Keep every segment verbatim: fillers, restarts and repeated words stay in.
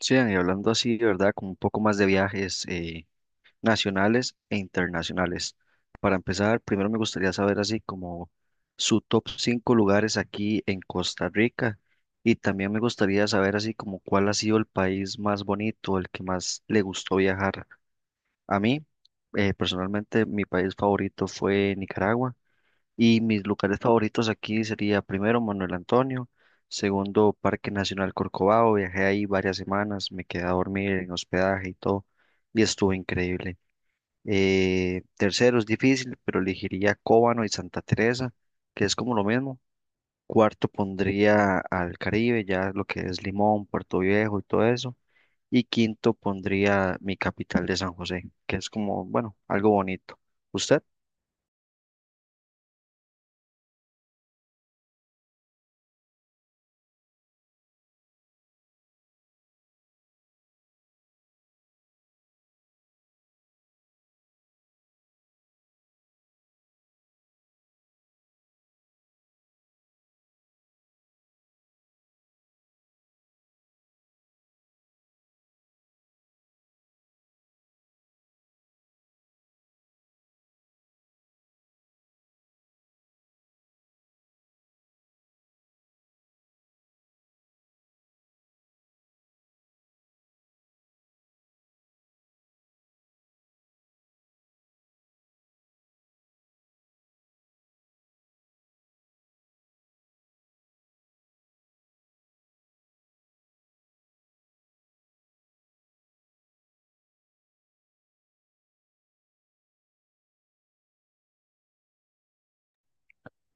Sí, y hablando así, de ¿verdad? Con un poco más de viajes eh, nacionales e internacionales. Para empezar, primero me gustaría saber así como su top cinco lugares aquí en Costa Rica y también me gustaría saber así como cuál ha sido el país más bonito, el que más le gustó viajar. A mí, eh, personalmente, mi país favorito fue Nicaragua y mis lugares favoritos aquí sería primero Manuel Antonio, segundo Parque Nacional Corcovado, viajé ahí varias semanas, me quedé a dormir en hospedaje y todo, y estuvo increíble. Eh, tercero es difícil, pero elegiría Cóbano y Santa Teresa, que es como lo mismo. Cuarto pondría al Caribe, ya lo que es Limón, Puerto Viejo y todo eso. Y quinto pondría mi capital de San José, que es como, bueno, algo bonito. ¿Usted?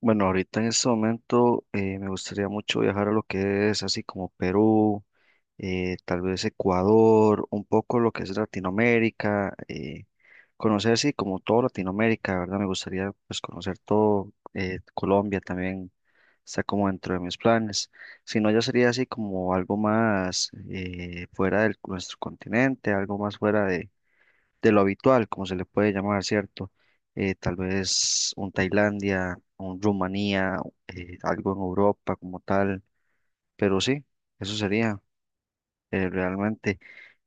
Bueno, ahorita en este momento eh, me gustaría mucho viajar a lo que es así como Perú, eh, tal vez Ecuador, un poco lo que es Latinoamérica, eh, conocer así como todo Latinoamérica, ¿verdad? Me gustaría pues conocer todo, eh, Colombia también está como dentro de mis planes. Si no, ya sería así como algo más eh, fuera de nuestro continente, algo más fuera de de lo habitual, como se le puede llamar, ¿cierto? Eh, tal vez un Tailandia, un Rumanía, eh, algo en Europa como tal, pero sí, eso sería eh, realmente.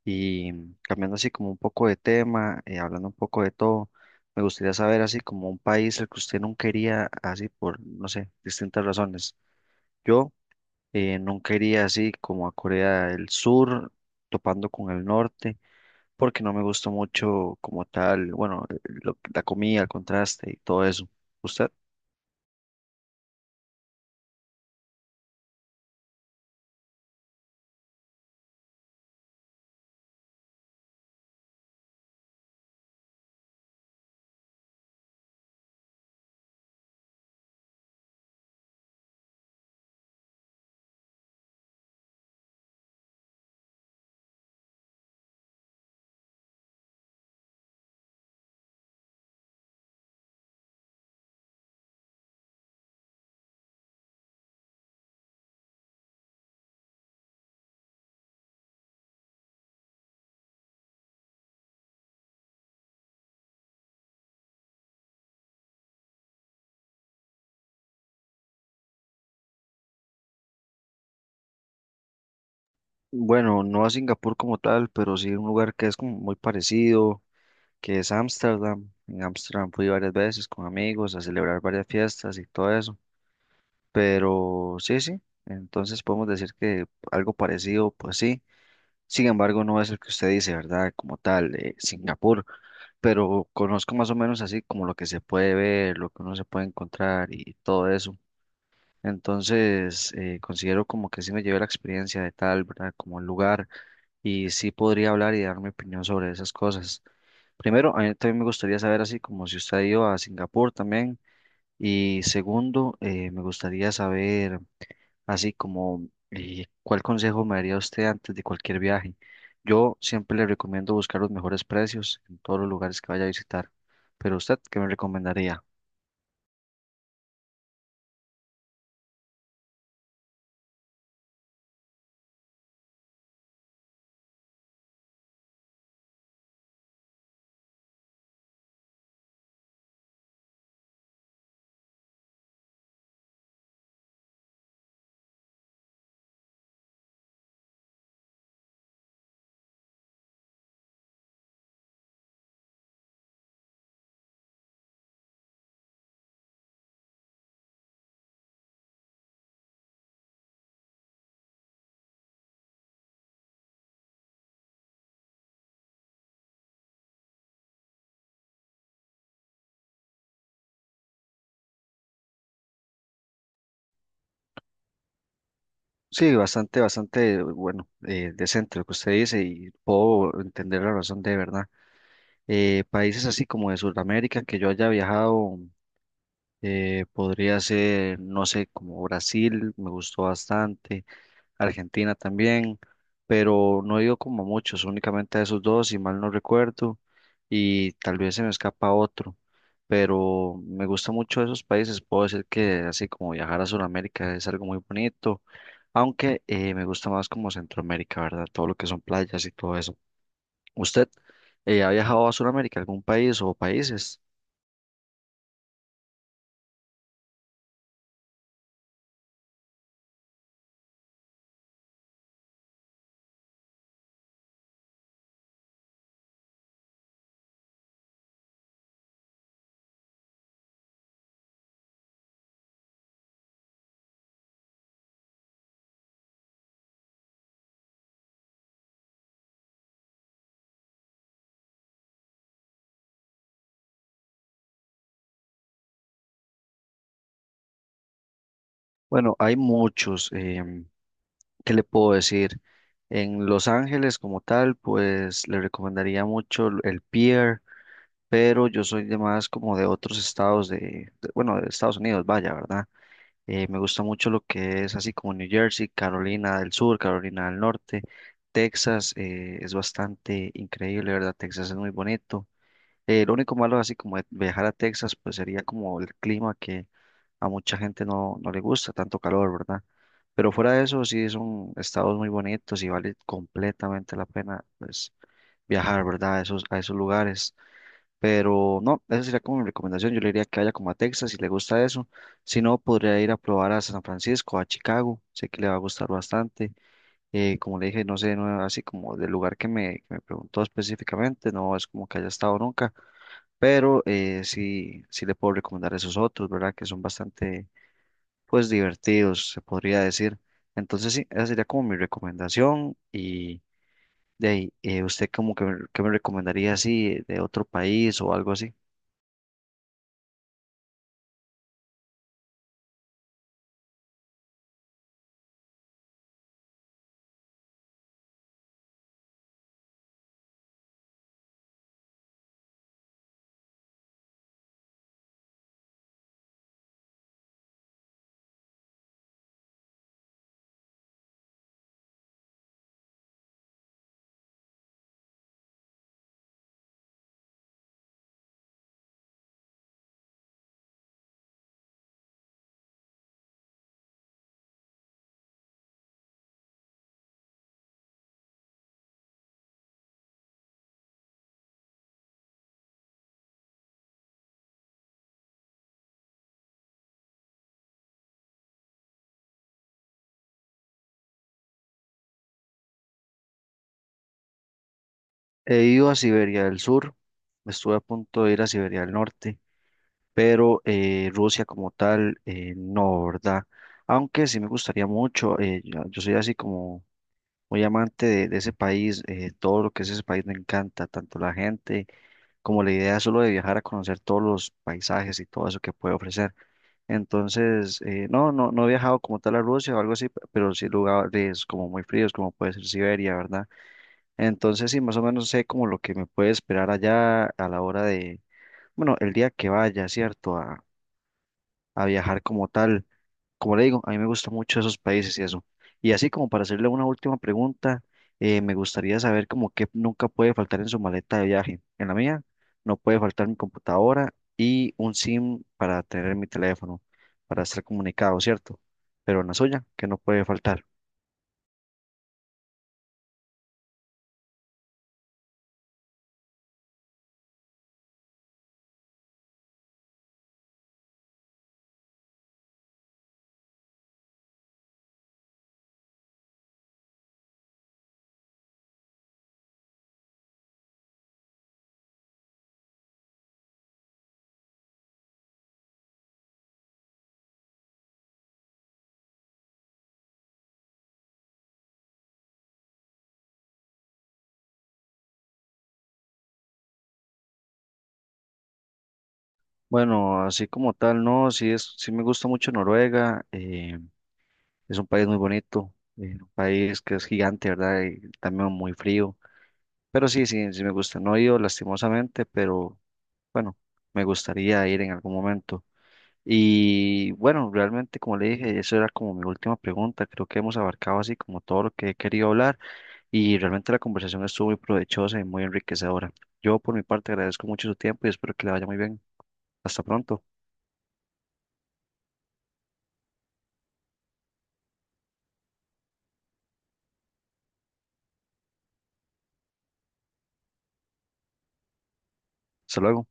Y cambiando así como un poco de tema, eh, hablando un poco de todo, me gustaría saber así como un país al que usted no quería, así por, no sé, distintas razones. Yo eh, no quería así como a Corea del Sur, topando con el norte porque no me gustó mucho como tal, bueno, lo- la comida, el contraste y todo eso. ¿Usted? Bueno, no a Singapur como tal, pero sí un lugar que es como muy parecido, que es Ámsterdam. En Ámsterdam fui varias veces con amigos a celebrar varias fiestas y todo eso. Pero sí, sí, entonces podemos decir que algo parecido, pues sí. Sin embargo, no es el que usted dice, ¿verdad? Como tal, eh, Singapur, pero conozco más o menos así como lo que se puede ver, lo que uno se puede encontrar y todo eso. Entonces, eh, considero como que sí me llevé la experiencia de tal, ¿verdad? Como el lugar y sí podría hablar y dar mi opinión sobre esas cosas. Primero, a mí también me gustaría saber así como si usted ha ido a Singapur también. Y segundo, eh, me gustaría saber así como eh, cuál consejo me daría usted antes de cualquier viaje. Yo siempre le recomiendo buscar los mejores precios en todos los lugares que vaya a visitar. Pero usted, ¿qué me recomendaría? Sí, bastante, bastante, bueno, eh, decente lo que usted dice y puedo entender la razón de verdad. Eh, países así como de Sudamérica que yo haya viajado, eh, podría ser, no sé, como Brasil, me gustó bastante, Argentina también, pero no he ido como a muchos, únicamente a esos dos, si mal no recuerdo, y tal vez se me escapa otro, pero me gusta mucho esos países, puedo decir que así como viajar a Sudamérica es algo muy bonito aunque eh, me gusta más como Centroamérica, ¿verdad? Todo lo que son playas y todo eso. ¿Usted eh, ha viajado a Sudamérica, algún país o países? Bueno, hay muchos. Em, ¿qué le puedo decir? En Los Ángeles como tal, pues le recomendaría mucho el el Pier, pero yo soy de más como de otros estados de, de- bueno, de Estados Unidos, vaya, ¿verdad? Eh, me gusta mucho lo que es así como New Jersey, Carolina del Sur, Carolina del Norte, Texas, eh, es bastante increíble, ¿verdad? Texas es muy bonito. Eh, lo único malo así como de viajar a Texas, pues sería como el clima que a mucha gente no, no le gusta, tanto calor, ¿verdad? Pero fuera de eso, sí son estados muy bonitos y vale completamente la pena, pues, viajar, ¿verdad? A esos, a esos lugares. Pero no, esa sería como mi recomendación. Yo le diría que vaya como a Texas si le gusta eso. Si no, podría ir a probar a San Francisco, a Chicago. Sé que le va a gustar bastante. Eh, como le dije, no sé, no, así como del lugar que me, que me preguntó específicamente, no es como que haya estado nunca, pero eh, sí, sí le puedo recomendar esos otros, ¿verdad? Que son bastante, pues, divertidos, se podría decir. Entonces, sí, esa sería como mi recomendación. Y de ahí, eh, ¿usted como que, me- que me recomendaría así de otro país o algo así? He ido a Siberia del Sur, estuve a punto de ir a Siberia del Norte, pero eh, Rusia como tal, eh, no, ¿verdad? Aunque sí me gustaría mucho, eh, yo, yo soy así como muy amante de, de ese país, eh, todo lo que es ese país me encanta, tanto la gente como la idea solo de viajar a conocer todos los paisajes y todo eso que puede ofrecer. Entonces, eh, no, no, no he viajado como tal a Rusia o algo así, pero sí lugares como muy fríos, como puede ser Siberia, ¿verdad? Entonces, sí, más o menos sé como lo que me puede esperar allá a la hora de, bueno, el día que vaya, ¿cierto? A, a viajar como tal. Como le digo, a mí me gustan mucho esos países y eso. Y así como para hacerle una última pregunta, eh, me gustaría saber como qué nunca puede faltar en su maleta de viaje. En la mía no puede faltar mi computadora y un SIM para tener mi teléfono, para estar comunicado, ¿cierto? Pero en la suya, que no puede faltar. Bueno, así como tal, no, sí es, sí me gusta mucho Noruega. eh, Es un país muy bonito, eh, un país que es gigante, ¿verdad? Y también muy frío. Pero sí, sí, sí me gusta. No he ido lastimosamente, pero bueno, me gustaría ir en algún momento. Y bueno, realmente como le dije, eso era como mi última pregunta. Creo que hemos abarcado así como todo lo que he querido hablar y realmente la conversación estuvo muy provechosa y muy enriquecedora. Yo por mi parte agradezco mucho su tiempo y espero que le vaya muy bien. Hasta pronto. Hasta luego.